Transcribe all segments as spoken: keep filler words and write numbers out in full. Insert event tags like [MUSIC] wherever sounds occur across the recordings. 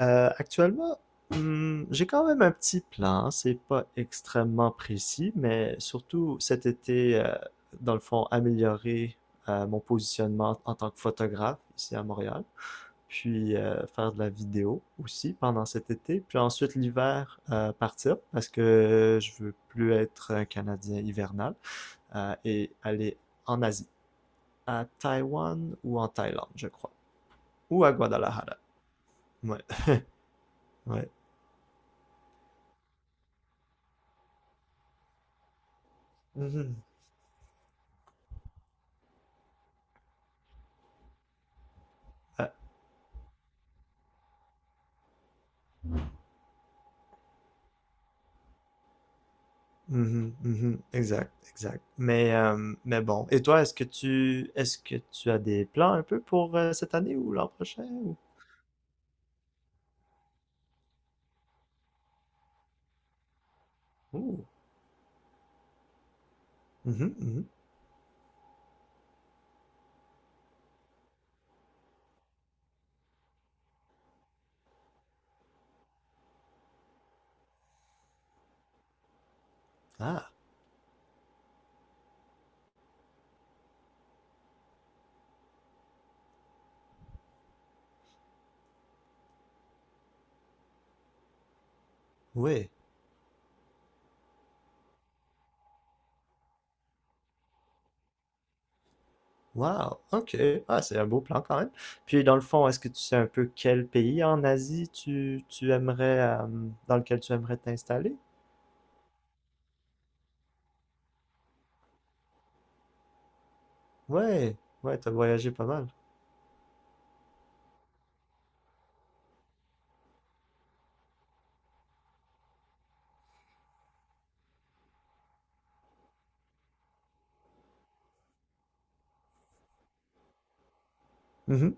Euh, actuellement, hmm, j'ai quand même un petit plan. C'est pas extrêmement précis, mais surtout cet été, euh, dans le fond, améliorer euh, mon positionnement en tant que photographe ici à Montréal, puis euh, faire de la vidéo aussi pendant cet été, puis ensuite l'hiver euh, partir parce que je veux plus être un Canadien hivernal euh, et aller en Asie, à Taïwan ou en Thaïlande, je crois, ou à Guadalajara. Ouais, ouais. Mhm. Euh, Mhm, mhm, exact, exact. Mais, euh, mais bon. Et toi, est-ce que tu est-ce que tu as des plans un peu pour euh, cette année ou l'an prochain ou... Ouh. Mhm, mhm. Ah, oui. Wow. OK. Ah, c'est un beau plan quand même. Puis dans le fond, est-ce que tu sais un peu quel pays en Asie tu, tu aimerais euh, dans lequel tu aimerais t'installer? Ouais, ouais, t'as voyagé pas mal. Mhm,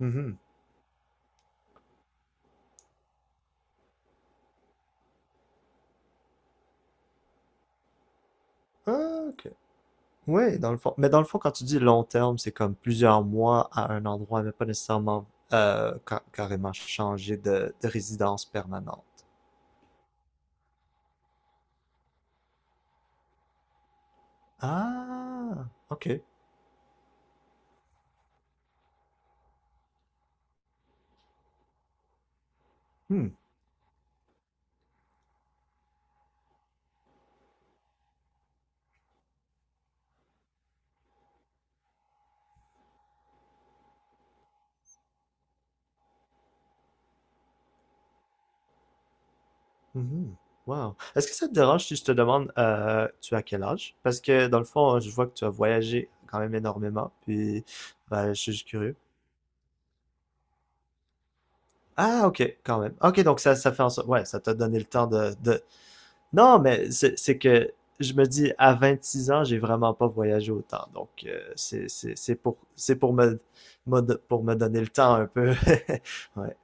mhm. Ah, OK. Oui, dans le fond. Mais dans le fond, quand tu dis long terme, c'est comme plusieurs mois à un endroit, mais pas nécessairement euh, ca- carrément changer de, de résidence permanente. Ah, ok. Hmm. Mhm. Wow. Est-ce que ça te dérange si je te demande, euh, tu as quel âge? Parce que dans le fond, je vois que tu as voyagé quand même énormément, puis ben, je suis juste curieux. Ah, ok, quand même. Ok, donc ça, ça fait en sorte, ouais, ça t'a donné le temps de, de, non, mais c'est c'est que je me dis, à vingt-six ans, j'ai vraiment pas voyagé autant. Donc, euh, c'est c'est- c'est pour, c'est pour me, me do- pour me donner le temps un peu. [LAUGHS] Ouais.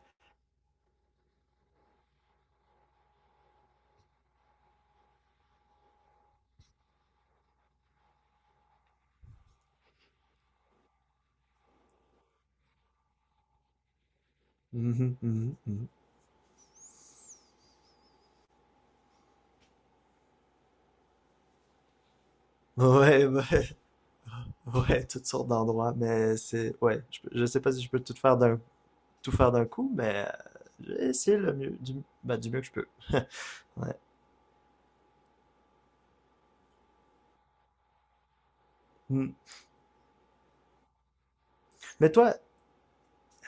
Mhm, mhm, mhm. Ouais, [LAUGHS] ouais, ouais, toutes sortes d'endroits, mais c'est, ouais, je, peux- je sais pas si je peux tout faire d'un, tout faire d'un coup, mais euh, j'ai le mieux, du, bah, du mieux que je peux. [LAUGHS] Ouais. Mm. Mais toi,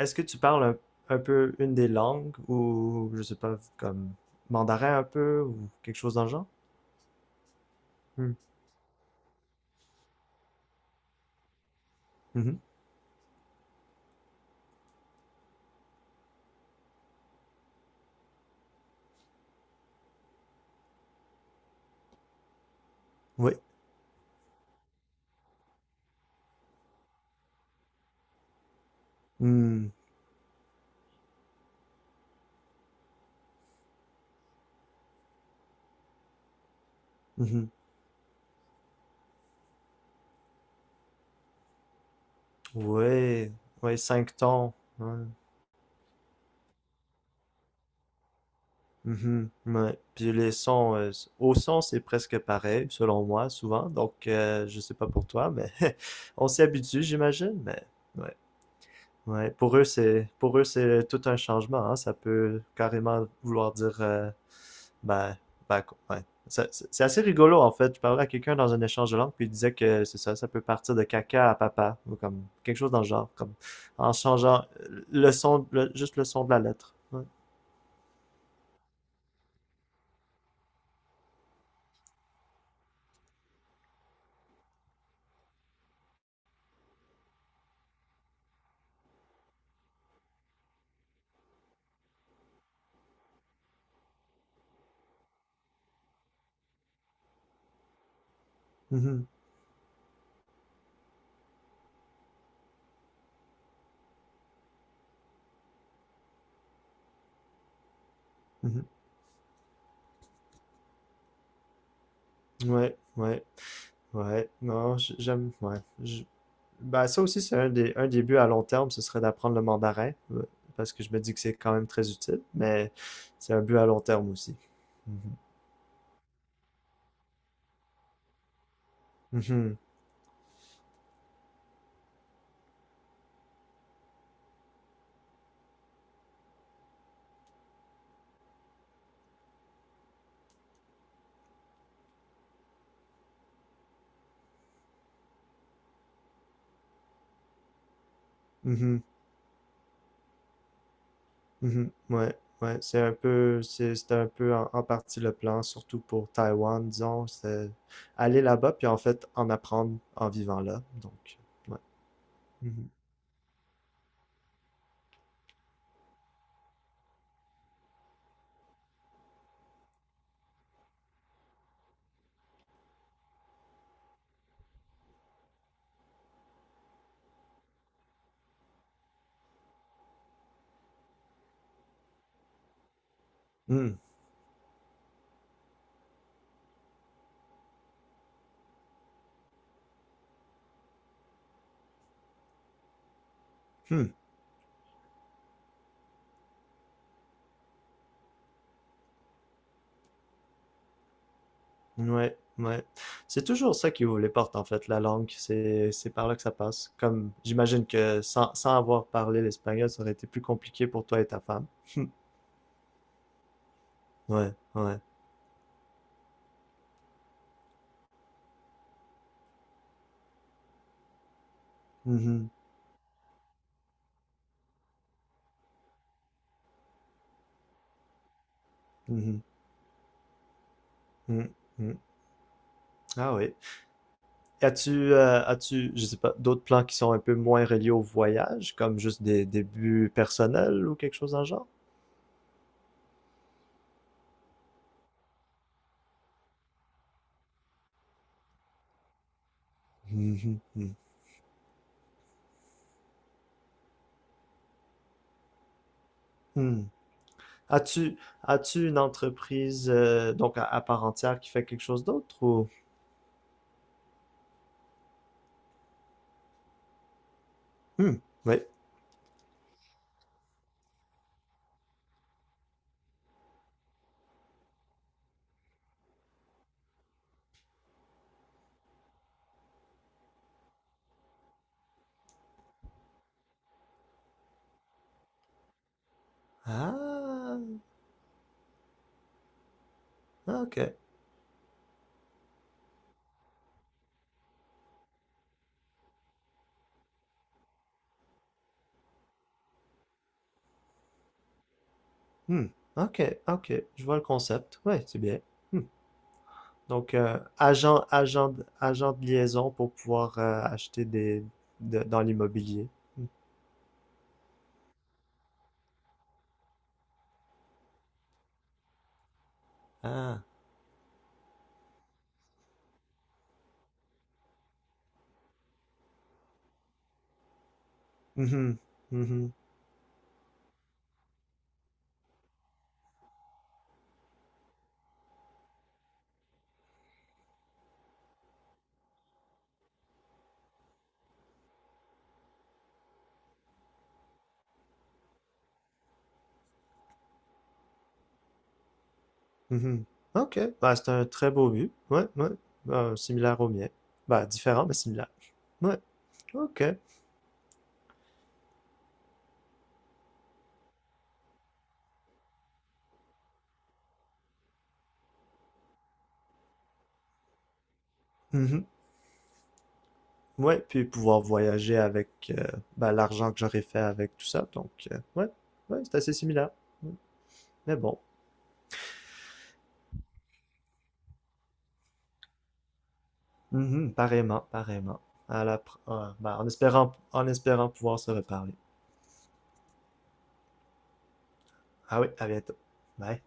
est-ce que tu parles un, un peu une des langues ou, je sais pas, comme mandarin un peu ou quelque chose dans le genre? Hmm. Mmh mh. Ouais. Hmm. Mmh mh. Ouais. Ouais, cinq temps. Ouais. Mmh. Ouais. Puis les sons, euh, au son, c'est presque pareil, selon moi, souvent. Donc, euh, je sais pas pour toi, mais [LAUGHS] on s'y habitue, j'imagine. Mais ouais. Ouais. Pour eux, c'est pour eux, c'est tout un changement, hein. Ça peut carrément vouloir dire euh, Ben, ben, ouais. C'est c'est assez rigolo en fait. Je parlais à quelqu'un dans un échange de langue, puis il disait que c'est ça, ça peut partir de caca à papa, ou comme quelque chose dans le genre, comme en changeant le son, le- juste le son de la lettre. Ouais, mhm, mhm. Ouais, ouais, ouais. Non, j- j'aime, ouais. J- ben, ça aussi, c'est un des, un des buts à long terme, ce serait d'apprendre le mandarin, euh, parce que je me dis que c'est quand même très utile, mais c'est un but à long terme aussi. Mhm. Mhm, mhm. Mhm. Ouais, ouais, c'est un peu, c'est- c'était un peu en, en partie le plan, surtout pour Taïwan, disons, c'est aller là-bas puis en fait en apprendre en vivant là. Donc, ouais. Mhm. Hmm. Hmm. Ouais, ouais. C'est toujours ça qui ouvre les portes en fait, la langue. C'est, c'est par là que ça passe. Comme j'imagine que sans, sans avoir parlé l'espagnol, ça aurait été plus compliqué pour toi et ta femme. Ouais, ouais. Mhm. Mhm. Hmm. Hmm. Ah oui. As-tu, euh, as-tu, je sais pas, d'autres plans qui sont un peu moins reliés au voyage, comme juste des débuts personnels ou quelque chose dans le genre? Hum, hum, hum, hum. As-tu, as-tu une entreprise, euh, donc à, à part entière qui fait quelque chose d'autre ou? Hum, oui. Ah, ok. Hum, ok, ok. Je vois le concept. Oui, c'est bien. Hum. Donc, euh, agent, agent, agent de liaison pour pouvoir euh, acheter des, de- dans l'immobilier. Hum. Ah. Mhm. Mhm. Mhm. OK. Bah, c'est un très beau but. Ouais, ouais. Euh, similaire au mien. Bah, différent, mais similaire. Ouais, OK. Mhm. Ouais, puis pouvoir voyager avec euh, bah, l'argent que j'aurais fait avec tout ça. Donc, euh, ouais, ouais, c'est assez similaire. Ouais. Mais bon. Mhm. Pareillement, pareillement. À la pr- euh, bah, en espérant, en espérant pouvoir se reparler. Ah oui, à bientôt. Bye.